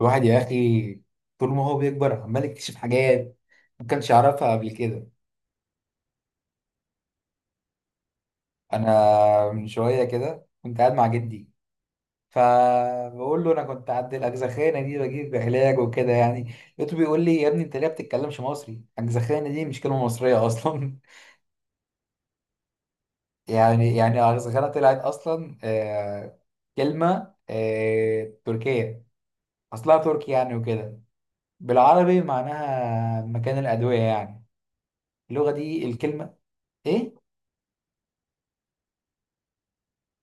الواحد يا اخي، طول ما هو بيكبر عمال يكتشف حاجات ما كانش يعرفها قبل كده. انا من شويه كده كنت قاعد مع جدي، فبقول له انا كنت عند الاجزخانه دي بجيب علاج وكده يعني. لقيته بيقول لي: يا ابني انت ليه ما بتتكلمش مصري؟ الاجزخانه دي مش كلمه مصريه اصلا. يعني الاجزخانه طلعت اصلا كلمه تركيه. اصلها تركي يعني وكده. بالعربي معناها مكان الادويه يعني اللغه دي الكلمه. ايه؟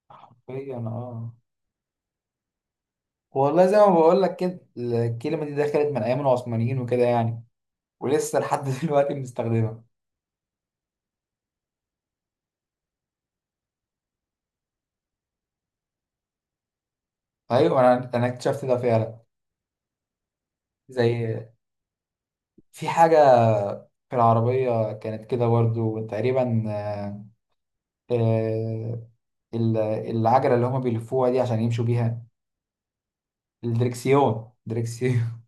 حرفيا اه، والله زي ما بقول لك كده الكلمه دي دخلت من ايام العثمانيين وكده يعني، ولسه لحد دلوقتي بنستخدمها. ايوه، انا اكتشفت ده فعلا. زي في حاجه، في العربيه كانت كده برضه تقريبا. آه، العجله اللي هما بيلفوها دي عشان يمشوا بيها الدركسيون، دركسيون.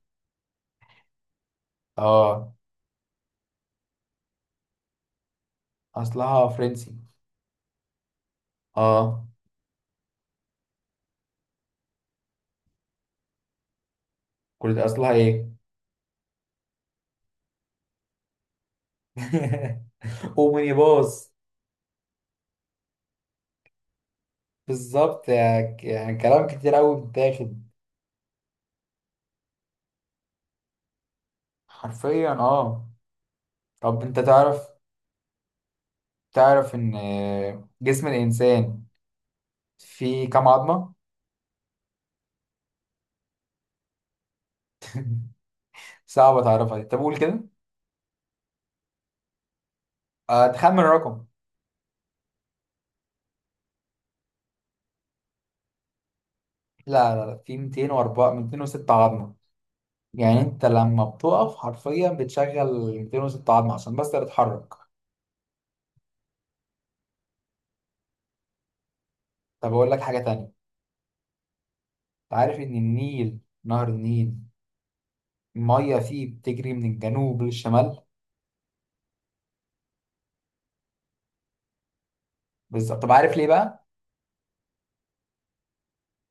اه، اصلها فرنسي. اه، كل ده اصلها ايه؟ اومنيباص. بالظبط، يعني كلام كتير قوي بيتاخد. حرفيا اه. طب انت تعرف ان جسم الانسان فيه كام عظمة؟ صعب تعرفها دي. طب قول كده، تخمن الرقم. لا لا لا، في 204 206 عظمة. يعني انت لما بتقف حرفيا بتشغل 206 عظمة عشان بس تتحرك. طب اقول لك حاجة تانية. انت عارف ان النيل، نهر النيل، المية فيه بتجري من الجنوب للشمال؟ بالظبط. طب عارف ليه بقى؟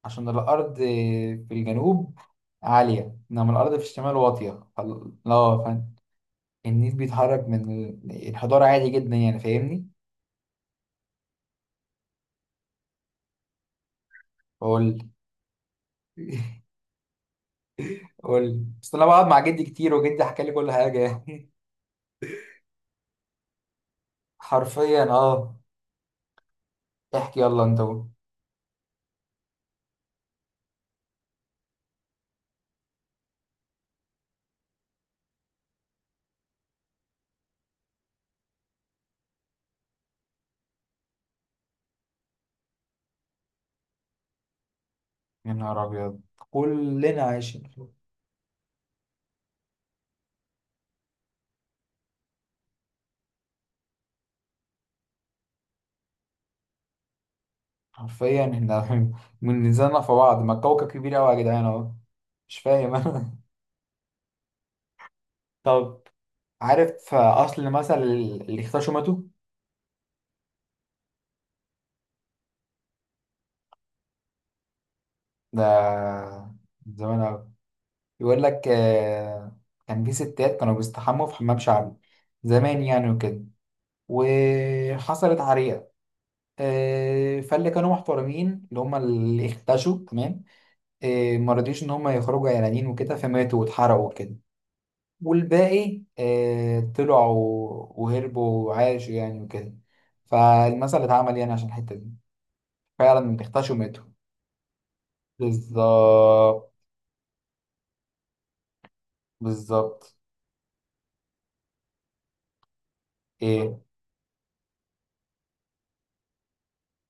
عشان الأرض في الجنوب عالية، إنما الأرض في الشمال واطية. فال- لا فن- النيل بيتحرك من الحضارة عادي جدا يعني. فاهمني؟ قول. قول بس أنا بقعد مع جدي كتير، وجدي حكى لي كل حاجة يعني. حرفيا اه. احكي، يلا انت قول. يا نهار أبيض! كلنا عايشين حرفيا احنا من نزلنا في بعض، ما الكوكب كبير أوي يا جدعان اهو. مش فاهم أنا. طب عارف أصل مثل اللي اختشمته؟ ده من زمان أوي. يقول لك كان في ستات كانوا بيستحموا في حمام شعبي زمان يعني وكده. وحصلت عريقة. فاللي كانوا محترمين اللي هم اللي اختشوا تمام. ما رضيش ان هم يخرجوا عيانين وكده، فماتوا واتحرقوا وكده. والباقي طلعوا وهربوا وعاشوا يعني وكده. فالمثل اتعمل يعني عشان الحتة دي. فعلا اختشوا وماتوا. بالظبط، بالظبط. ايه؟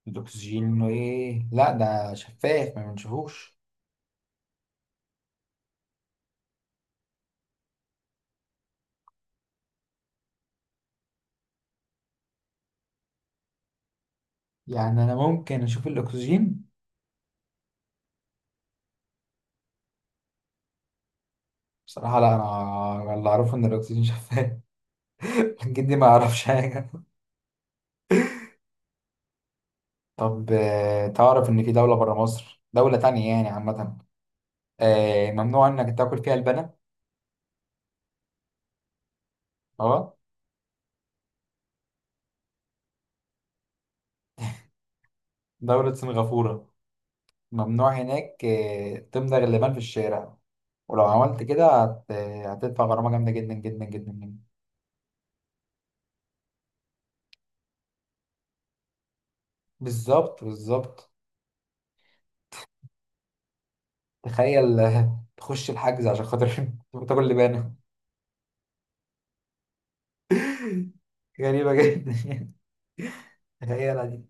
الاكسجين انه ايه؟ لا، ده شفاف ما بنشوفوش. يعني انا ممكن اشوف الاكسجين؟ بصراحة لا، انا اللي اعرفه ان الاكسجين شفاف. جدي ما يعرفش حاجة. طب تعرف ان في دولة برا مصر، دولة تانية يعني عامة، ممنوع انك تاكل فيها اللبن؟ اه، دولة سنغافورة. ممنوع هناك تمضغ اللبن في الشارع. ولو عملت كده هتدفع غرامة جامدة جدا جدا جدا جدا. بالظبط، بالظبط. تخيل تخش الحجز عشان خاطر تاكل لبانة. غريبة جدا يعني. تخيلها دي. انت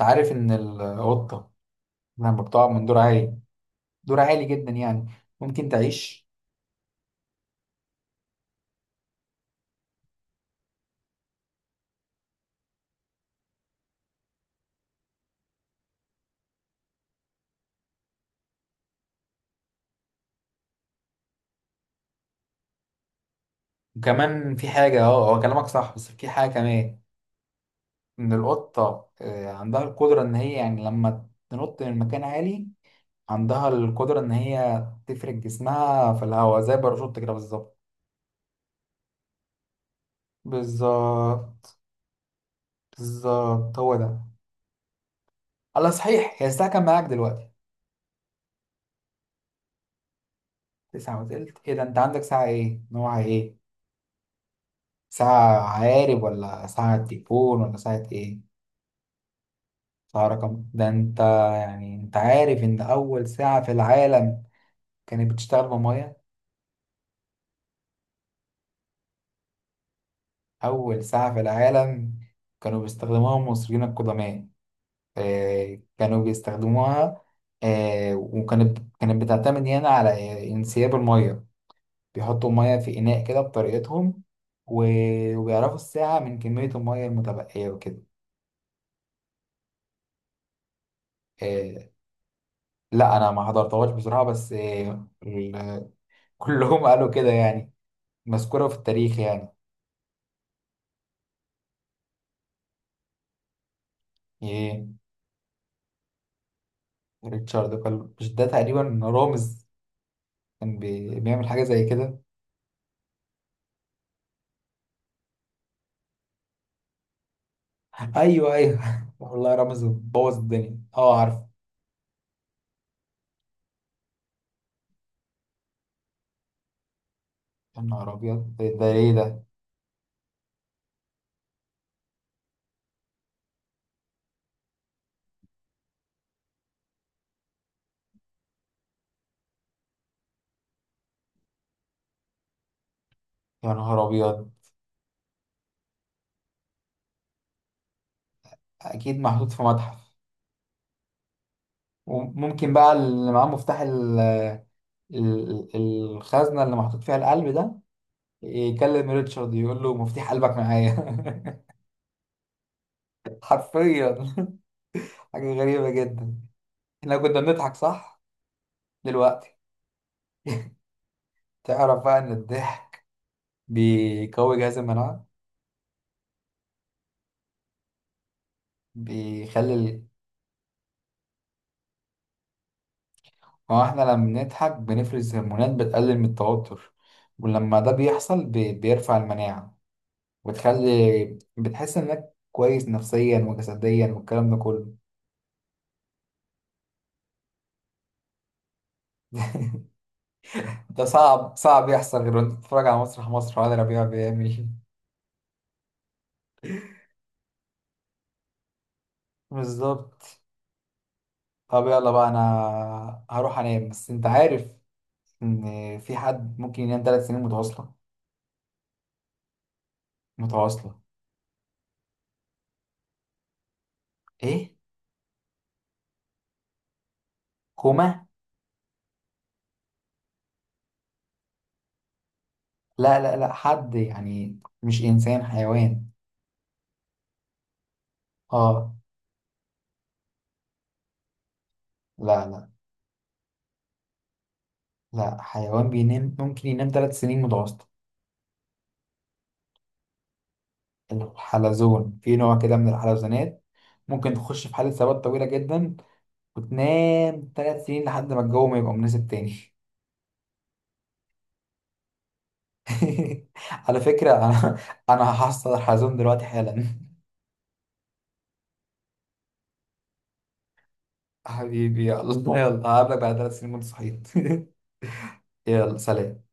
عارف ان القطة لما بتقع من دور عالي، دور عالي جدا يعني، ممكن تعيش؟ وكمان في حاجة. اه، هو كلامك صح بس في حاجة كمان، ان القطة عندها القدرة ان هي يعني لما تنط من مكان عالي، عندها القدرة ان هي تفرد جسمها في الهواء زي باراشوت كده. بالظبط، بالظبط، بالظبط، هو ده. الله، صحيح، هي الساعة كام معاك دلوقتي؟ 9:20. ايه ده؟ انت عندك ساعة ايه، نوعها ايه؟ ساعة عقارب ولا ساعة تليفون ولا ساعة ايه؟ ساعة رقم، ده انت يعني انت عارف ان اول ساعة في العالم كانت بتشتغل بمية؟ اول ساعة في العالم كانوا بيستخدموها المصريين القدماء. كانوا بيستخدموها. وكانت بتعتمد هنا على انسياب المية. بيحطوا المية في إناء كده بطريقتهم، وبيعرفوا الساعة من كمية المية المتبقية وكده. آه، لا، انا ما حضرتهاش بصراحه، بس كلهم قالوا كده يعني، مذكوره في التاريخ يعني. ايه؟ ريتشارد قال؟ مش ده تقريبا رامز كان بيعمل حاجه زي كده؟ ايوه، ايوه. والله رامز بوظ الدنيا. اه، عارف. يا نهار ابيض! ده ايه ده؟ يا نهار ابيض! اكيد محطوط في متحف. وممكن بقى اللي معاه مفتاح ال- ال- الخزنه اللي محطوط فيها القلب ده يكلم ريتشارد يقول له: مفتاح قلبك معايا. حرفيا. حاجة غريبة جدا. احنا كنا بنضحك، صح؟ دلوقتي تعرف بقى ان الضحك بيقوي جهاز المناعة، بيخلي ما هو احنا لما بنضحك بنفرز هرمونات بتقلل من التوتر. ولما ده بيحصل بيرفع المناعة. وتخلي، بتحس انك كويس نفسيا وجسديا والكلام ده كله. ده صعب صعب يحصل غير وانت بتتفرج على مسرح مصر، وعلي ربيع بيعمل إيه. بالظبط. طب يلا بقى، انا هروح انام. بس انت عارف ان في حد ممكن ينام 3 سنين متواصله؟ متواصله. ايه؟ كوما؟ لا لا لا، حد يعني مش انسان، حيوان. اه. لا لا لا، حيوان بينام ممكن ينام ثلاث سنين متواصله. الحلزون، في نوع كده من الحلزونات ممكن تخش في حالة ثبات طويلة جدا وتنام 3 سنين لحد ما الجو ما يبقى مناسب تاني. على فكرة، أنا هحصل الحلزون دلوقتي حالا. حبيبي، يلا يلا هقابلك بعد 3 سنين وأنت صحيت. يلا، سلام.